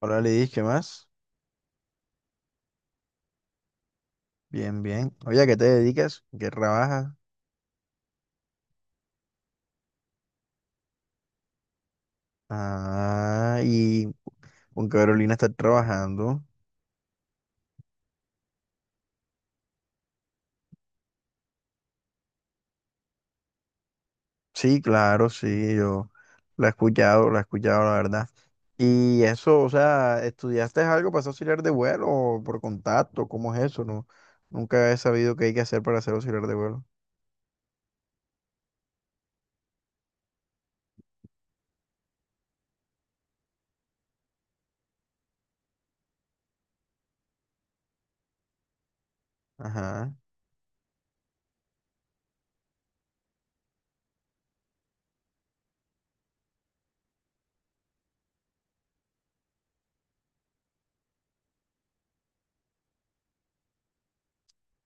Hola, Lidis, ¿qué más? Bien, bien. Oye, ¿a qué te dedicas? ¿En ¿Qué trabajas? Ah, y con Carolina está trabajando. Sí, claro, sí, yo La he escuchado, la he escuchado, la verdad. Y eso, o sea, ¿estudiaste algo para ser auxiliar de vuelo o por contacto? ¿Cómo es eso? No, nunca he sabido qué hay que hacer para ser auxiliar de vuelo. Ajá,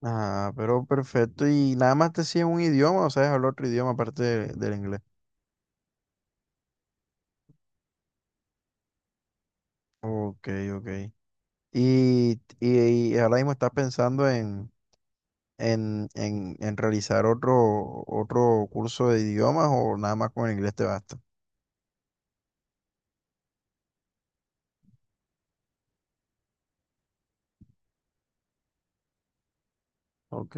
ajá, pero perfecto. ¿Y nada más te sigues un idioma o sabes hablar otro idioma aparte del inglés? Ok, ok. Y, y ahora mismo estás pensando en realizar otro, otro curso de idiomas o nada más con el inglés te basta. Ok,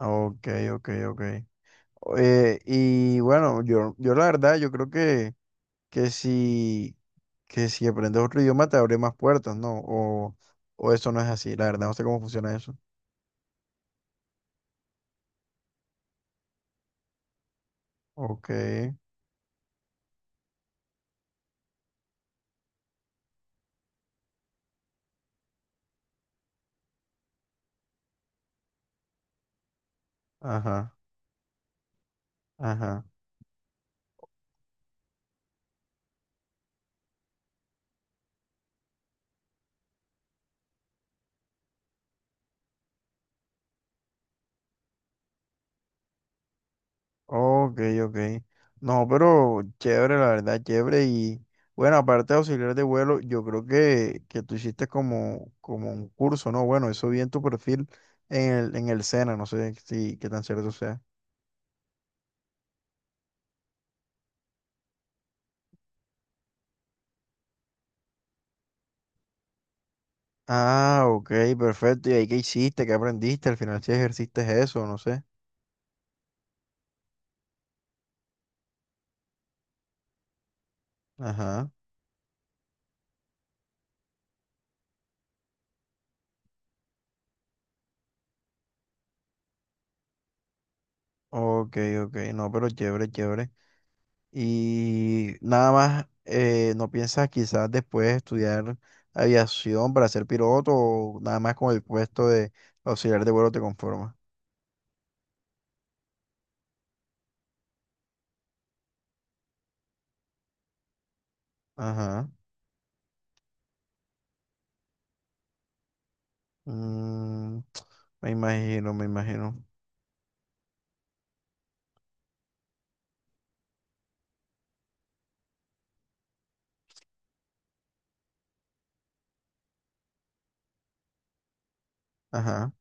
ok, ok, ok. Y bueno, yo la verdad, yo creo que, que si, que si aprendes otro idioma te abre más puertas, ¿no? O eso no es así, la verdad, no sé cómo funciona eso. Ok, ajá, ajá. Ok, ok. No, pero chévere, la verdad, chévere. Y bueno, aparte de auxiliar de vuelo, yo creo que tú hiciste como, como un curso, ¿no? Bueno, eso vi en tu perfil en el SENA, no sé si qué tan cierto sea. Ah, ok, perfecto. ¿Y ahí qué hiciste? ¿Qué aprendiste? Al final si ejerciste eso, no sé. Ajá. Ok, ok. No, pero chévere, chévere. Y nada más, ¿no piensas quizás después estudiar aviación para ser piloto o nada más con el puesto de auxiliar de vuelo te conformas? Ajá. Mm, me imagino, me imagino. Ajá.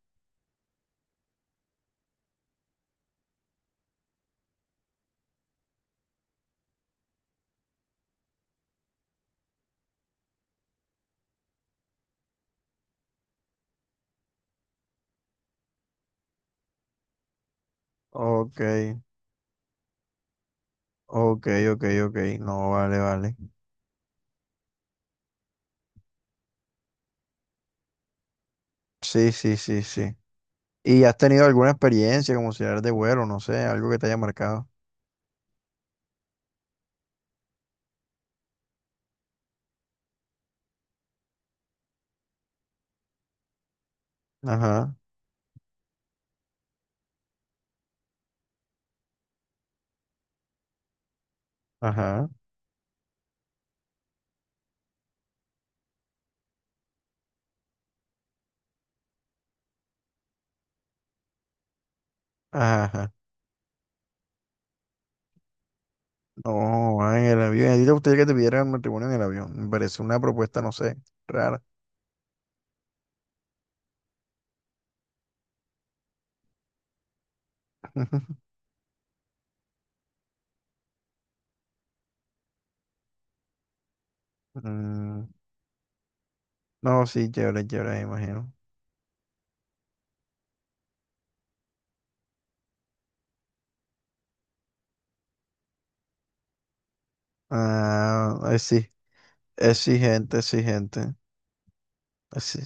Ok, ok, ok, ok. No, vale, vale. Sí, sí, sí, sí. ¿Y has tenido alguna experiencia como auxiliar de vuelo? No sé, algo que te haya marcado. Ajá, ajá, ajá. No, va en el avión. ¿A ti te gustaría que te pidieran matrimonio en el avión? Me parece una propuesta, no sé, rara. Mm, no, sí, chévere, chévere, me imagino. Ah, exigente, exigente. Así.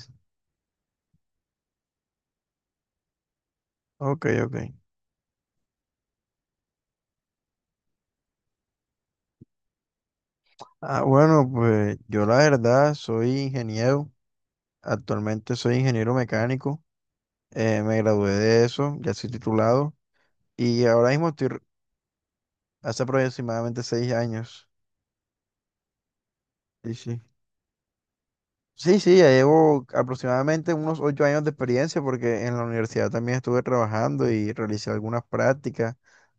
Ok, ok. Ah, bueno, pues yo la verdad soy ingeniero. Actualmente soy ingeniero mecánico. Me gradué de eso, ya soy titulado. Y ahora mismo hace aproximadamente seis años. Sí, sí. Sí, sí, ya llevo aproximadamente unos ocho años de experiencia porque en la universidad también estuve trabajando y realicé algunas prácticas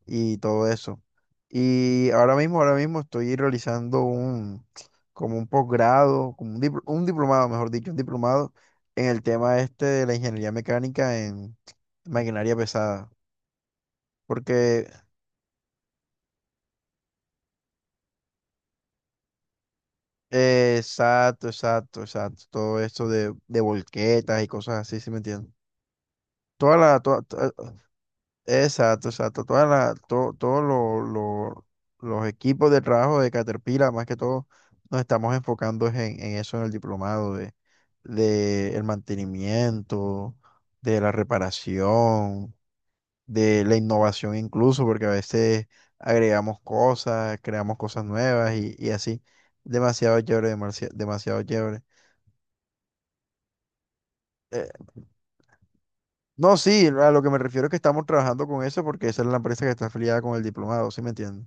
y todo eso. Y ahora mismo estoy realizando como un posgrado, un diplomado, mejor dicho, un diplomado en el tema este de la ingeniería mecánica en maquinaria pesada. Porque, exacto, exacto, exacto, todo esto de volquetas y cosas así, ¿sí me entiendes? To- Exacto, exacto. Lo- los equipos de trabajo de Caterpillar, más que todo, nos estamos enfocando es en eso, en el diplomado de el mantenimiento, de la reparación, de la innovación incluso, porque a veces agregamos cosas, creamos cosas nuevas y así. Demasiado chévere, demasiado chévere. Eh, no, sí, a lo que me refiero es que estamos trabajando con eso porque esa es la empresa que está afiliada con el diplomado, ¿sí me entiendes?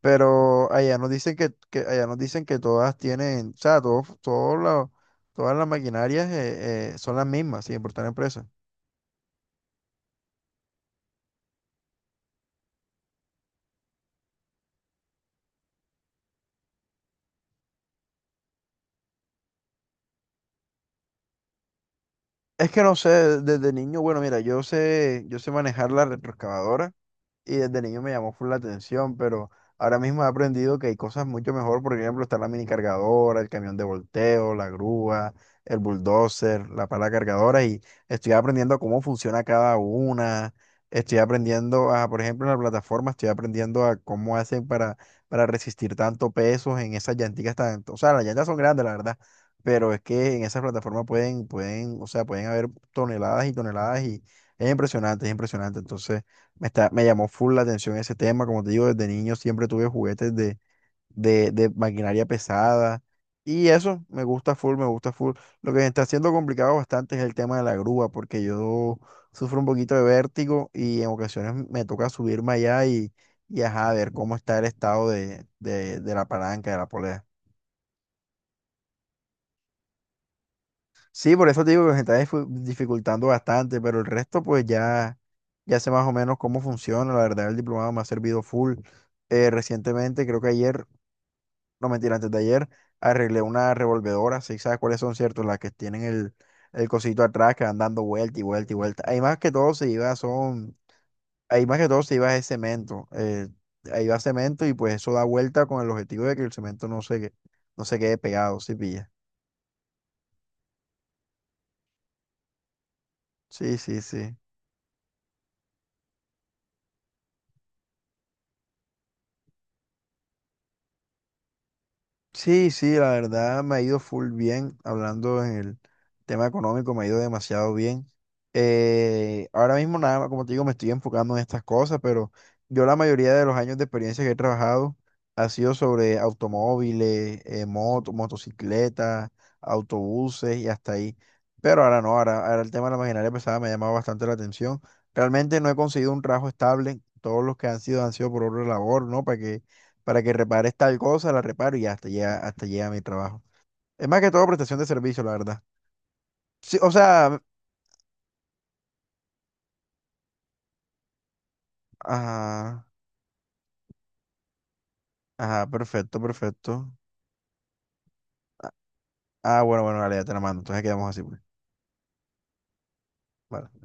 Pero allá nos dicen que, allá nos dicen que todas tienen, o sea, todos los- todas las maquinarias son las mismas, sin importar la empresa. Es que no sé, desde niño, bueno, mira, yo sé manejar la retroexcavadora. Y desde niño me llamó full la atención, pero ahora mismo he aprendido que hay cosas mucho mejor, por ejemplo, está la mini cargadora, el camión de volteo, la grúa, el bulldozer, la pala cargadora y estoy aprendiendo cómo funciona cada una. Estoy aprendiendo a, por ejemplo, en la plataforma, estoy aprendiendo a cómo hacen para resistir tanto peso en esas llanticas tan, o sea, las llantas son grandes, la verdad, pero es que en esas plataformas pueden, o sea, pueden haber toneladas y toneladas y es impresionante, es impresionante. Entonces, me llamó full la atención ese tema. Como te digo, desde niño siempre tuve juguetes de maquinaria pesada. Y eso me gusta full, me gusta full. Lo que me está haciendo complicado bastante es el tema de la grúa, porque yo sufro un poquito de vértigo y en ocasiones me toca subirme allá y ajá, ver cómo está el estado de la palanca, de la polea. Sí, por eso te digo que se está dificultando bastante, pero el resto pues ya, ya sé más o menos cómo funciona. La verdad, el diplomado me ha servido full. Recientemente, creo que ayer, no mentira, antes de ayer, arreglé una revolvedora, si sabes cuáles son, ¿cierto? Las que tienen el cosito atrás que van dando vuelta y vuelta y vuelta. Ahí más que todo se iba, son, ahí más que todo se iba es cemento. Eh, ahí va cemento y pues eso da vuelta con el objetivo de que el cemento no se, que- no se quede pegado, ¿sí pilla? Sí, sí, sí. Sí, sí, la verdad me ha ido full bien, hablando en el tema económico, me ha ido demasiado bien. Ahora mismo nada más, como te digo, me estoy enfocando en estas cosas, pero yo la mayoría de los años de experiencia que he trabajado ha sido sobre automóviles, motocicletas, autobuses y hasta ahí. Pero ahora no, ahora, ahora el tema de la maquinaria pesada me ha llamado bastante la atención. Realmente no he conseguido un trabajo estable, todos los que han sido por otra labor, ¿no? Para que repares tal cosa, la reparo y hasta llega mi trabajo. Es más que todo prestación de servicio, la verdad. Sí, o sea, ajá, ajá, perfecto, perfecto. Ah, bueno, bueno, dale, ya te la mando. Entonces quedamos así, pues. Vale.